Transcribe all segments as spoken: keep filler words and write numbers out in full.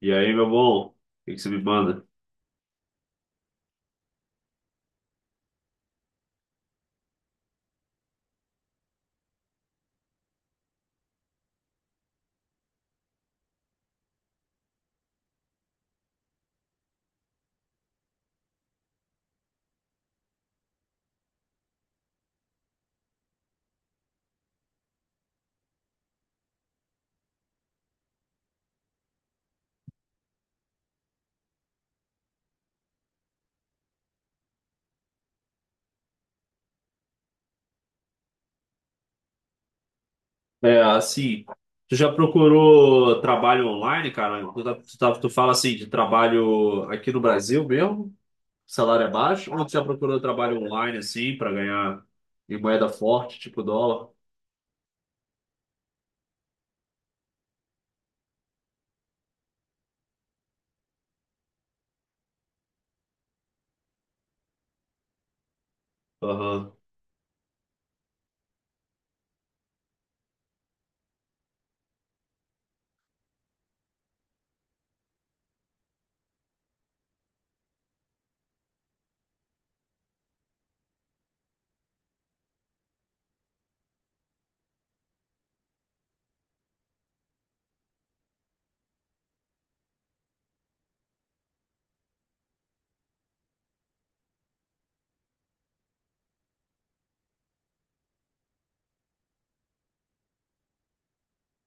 E aí, meu bom, o que que você me manda? É, assim, tu já procurou trabalho online, cara? Tu, tá- tu, tá- tu fala assim de trabalho aqui no Brasil mesmo, salário é baixo, ou tu já procurou trabalho online assim pra ganhar em moeda forte, tipo dólar? Aham.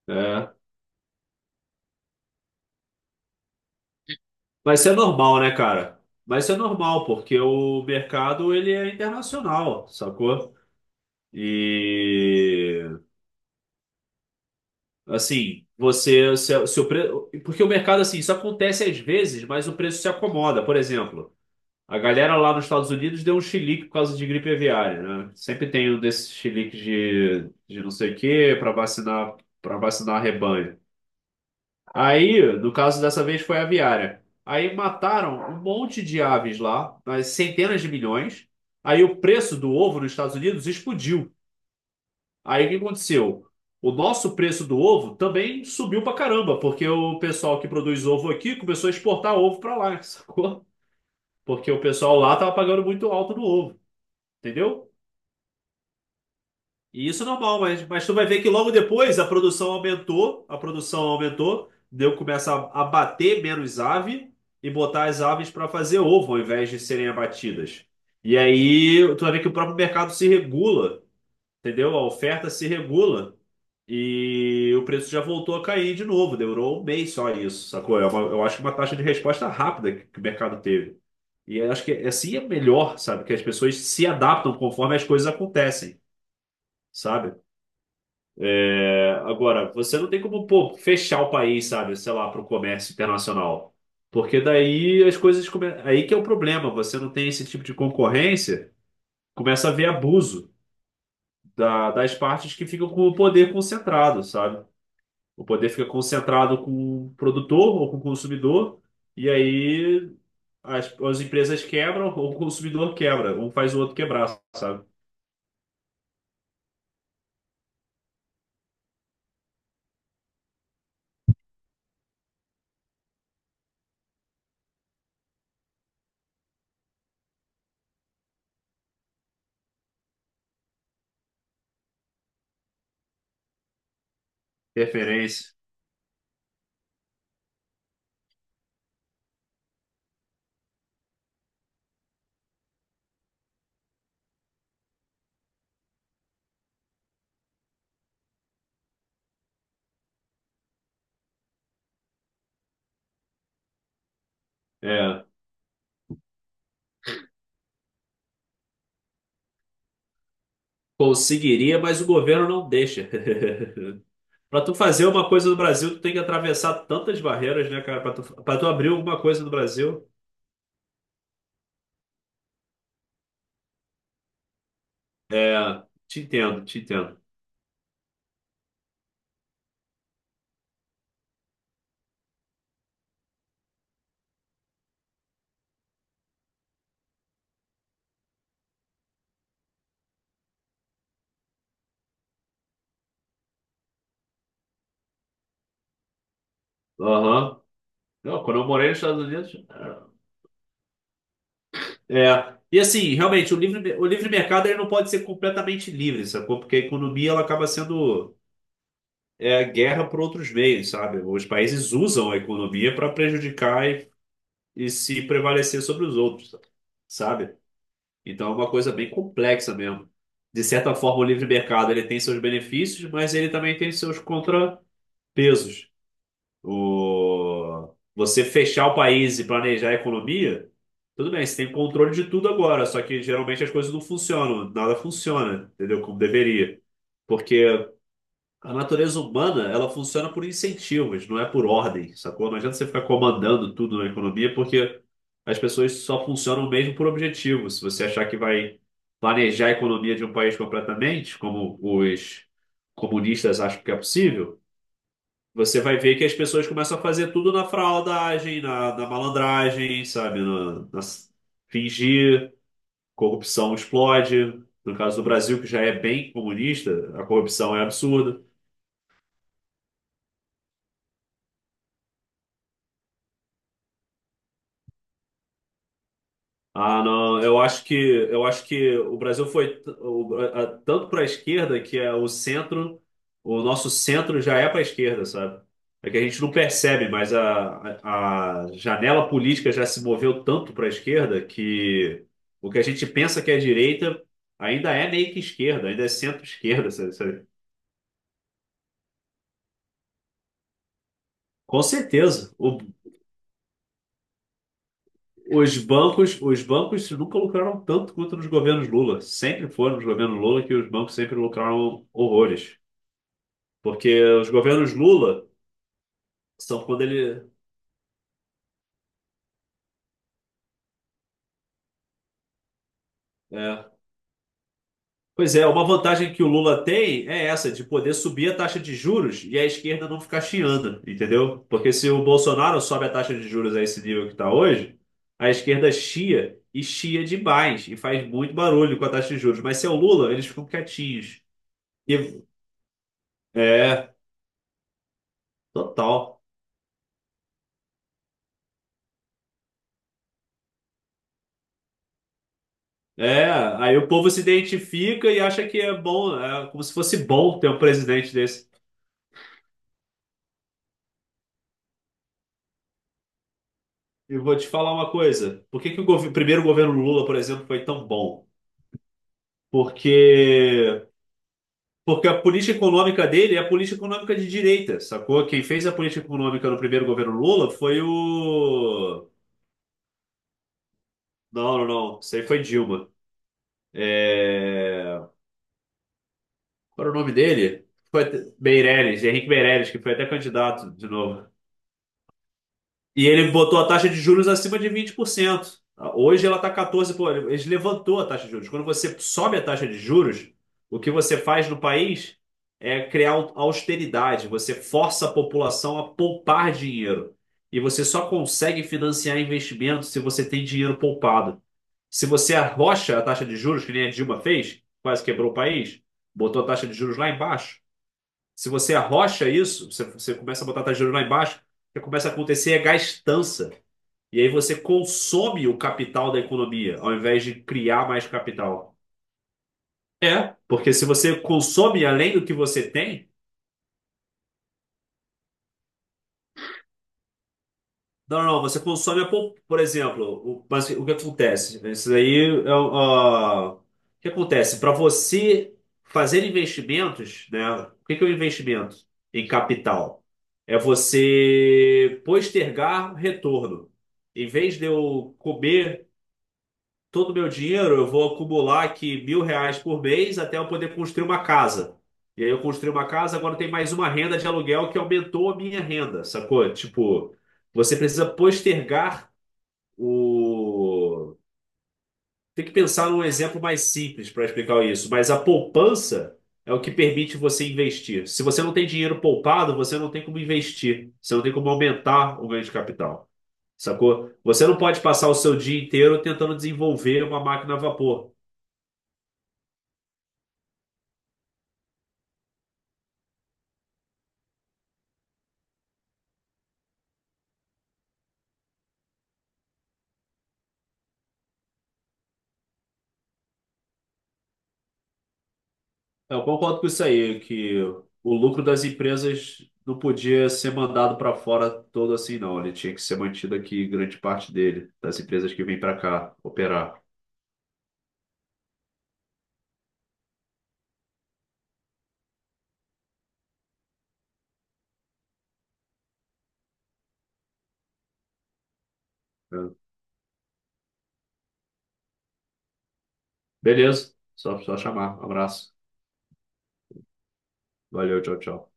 É. Mas isso é normal, né, cara? Mas isso é normal, porque o mercado ele é internacional, sacou? E assim, você, seu, seu pre... porque o mercado, assim, isso acontece às vezes, mas o preço se acomoda. Por exemplo, a galera lá nos Estados Unidos deu um chilique por causa de gripe aviária, né? Sempre tem um desses chiliques de, de não sei o quê para vacinar, para vacinar rebanho. Aí, no caso dessa vez, foi aviária. Aí mataram um monte de aves lá, mas centenas de milhões. Aí o preço do ovo nos Estados Unidos explodiu. Aí o que aconteceu? O nosso preço do ovo também subiu pra caramba, porque o pessoal que produz ovo aqui começou a exportar ovo pra lá, sacou? Porque o pessoal lá tava pagando muito alto no ovo, entendeu? E isso é normal, mas, mas tu vai ver que logo depois a produção aumentou, a produção aumentou, deu começa a abater menos ave e botar as aves para fazer ovo ao invés de serem abatidas. E aí tu vai ver que o próprio mercado se regula. Entendeu? A oferta se regula e o preço já voltou a cair de novo. Demorou um mês só isso, sacou? É uma- eu acho que uma taxa de resposta rápida que, que o mercado teve. E eu acho que é assim é melhor, sabe? Que as pessoas se adaptam conforme as coisas acontecem, sabe? É, agora, você não tem como, pô, fechar o país, sabe? Sei lá, para o comércio internacional. Porque daí as coisas... Come... Aí que é o problema. Você não tem esse tipo de concorrência, começa a haver abuso da- das partes que ficam com o poder concentrado, sabe? O poder fica concentrado com o produtor ou com o consumidor, e aí as, as empresas quebram ou o consumidor quebra. Um faz o outro quebrar, sabe? Interferência. É. Conseguiria, mas o governo não deixa. Para tu fazer uma coisa no Brasil, tu tem que atravessar tantas barreiras, né, cara? Para tu, para tu abrir alguma coisa no Brasil. É. Te entendo, te entendo. Aham. Não, quando eu morei nos Estados Unidos. É. E assim, realmente, o livre, o livre mercado ele não pode ser completamente livre, sacou? Porque a economia ela acaba sendo é, guerra por outros meios, sabe? Os países usam a economia para prejudicar e, e se prevalecer sobre os outros, sabe? Então é uma coisa bem complexa mesmo. De certa forma, o livre mercado ele tem seus benefícios, mas ele também tem seus contrapesos. O... Você fechar o país e planejar a economia, tudo bem, você tem controle de tudo agora, só que geralmente as coisas não funcionam, nada funciona, entendeu? Como deveria. Porque a natureza humana, ela funciona por incentivos, não é por ordem, sacou? Não adianta você ficar comandando tudo na economia, porque as pessoas só funcionam mesmo por objetivo. Se você achar que vai planejar a economia de um país completamente, como os comunistas acham que é possível, você vai ver que as pessoas começam a fazer tudo na fraudagem, na, na malandragem, sabe? Na, na s- fingir, corrupção explode. No caso do Brasil, que já é bem comunista, a corrupção é absurda. Ah, não, eu acho que eu acho que o Brasil foi t- o- a- a- tanto para a esquerda que é o centro, o nosso centro já é para a esquerda, sabe? É que a gente não percebe, mas a, a a janela política já se moveu tanto para a esquerda que o que a gente pensa que é direita ainda é meio que esquerda, ainda é centro-esquerda, sabe? Sabe? Com certeza. O- os bancos, os bancos nunca lucraram tanto quanto nos governos Lula. Sempre foram nos governos Lula que os bancos sempre lucraram horrores. Porque os governos Lula são quando ele. É. Pois é, uma vantagem que o Lula tem é essa, de poder subir a taxa de juros e a esquerda não ficar chiando, entendeu? Porque se o Bolsonaro sobe a taxa de juros a esse nível que está hoje, a esquerda chia e chia demais e faz muito barulho com a taxa de juros. Mas se é o Lula, eles ficam quietinhos. E, é, total. É, aí o povo se identifica e acha que é bom, é como se fosse bom ter um presidente desse. Eu vou te falar uma coisa. Por que que o gov- primeiro governo Lula, por exemplo, foi tão bom? Porque porque a política econômica dele é a política econômica de direita, sacou? Quem fez a política econômica no primeiro governo Lula foi o... Não, não, não. Isso aí foi Dilma. É... Qual era o nome dele? Foi até- Meirelles, Henrique Meirelles, que foi até candidato de novo. E ele botou a taxa de juros acima de vinte por cento. Hoje ela está catorze por cento. Pô, ele levantou a taxa de juros. Quando você sobe a taxa de juros, o que você faz no país é criar au- austeridade. Você força a população a poupar dinheiro. E você só consegue financiar investimentos se você tem dinheiro poupado. Se você arrocha a taxa de juros, que nem a Dilma fez, quase quebrou o país, botou a taxa de juros lá embaixo. Se você arrocha isso, você, você começa a botar a taxa de juros lá embaixo, o que começa a acontecer é gastança. E aí você consome o capital da economia, ao invés de criar mais capital. É, porque se você consome além do que você tem, não, não, você consome, a pou- por exemplo, o, mas o que acontece? Isso aí é o ó, o que acontece? Para você fazer investimentos, né? O que que é um investimento em capital? É você postergar retorno. Em vez de eu comer todo o meu dinheiro, eu vou acumular aqui mil reais por mês até eu poder construir uma casa. E aí eu construí uma casa, agora tem mais uma renda de aluguel que aumentou a minha renda, sacou? Tipo, você precisa postergar o. Tem que pensar num exemplo mais simples para explicar isso, mas a poupança é o que permite você investir. Se você não tem dinheiro poupado, você não tem como investir, você não tem como aumentar o ganho de capital, sacou? Você não pode passar o seu dia inteiro tentando desenvolver uma máquina a vapor. Eu concordo com isso aí, que o lucro das empresas não podia ser mandado para fora todo assim, não. Ele tinha que ser mantido aqui, grande parte dele, das empresas que vêm para cá operar. Né? Beleza, só, só chamar. Um abraço. Valeu, tchau, tchau.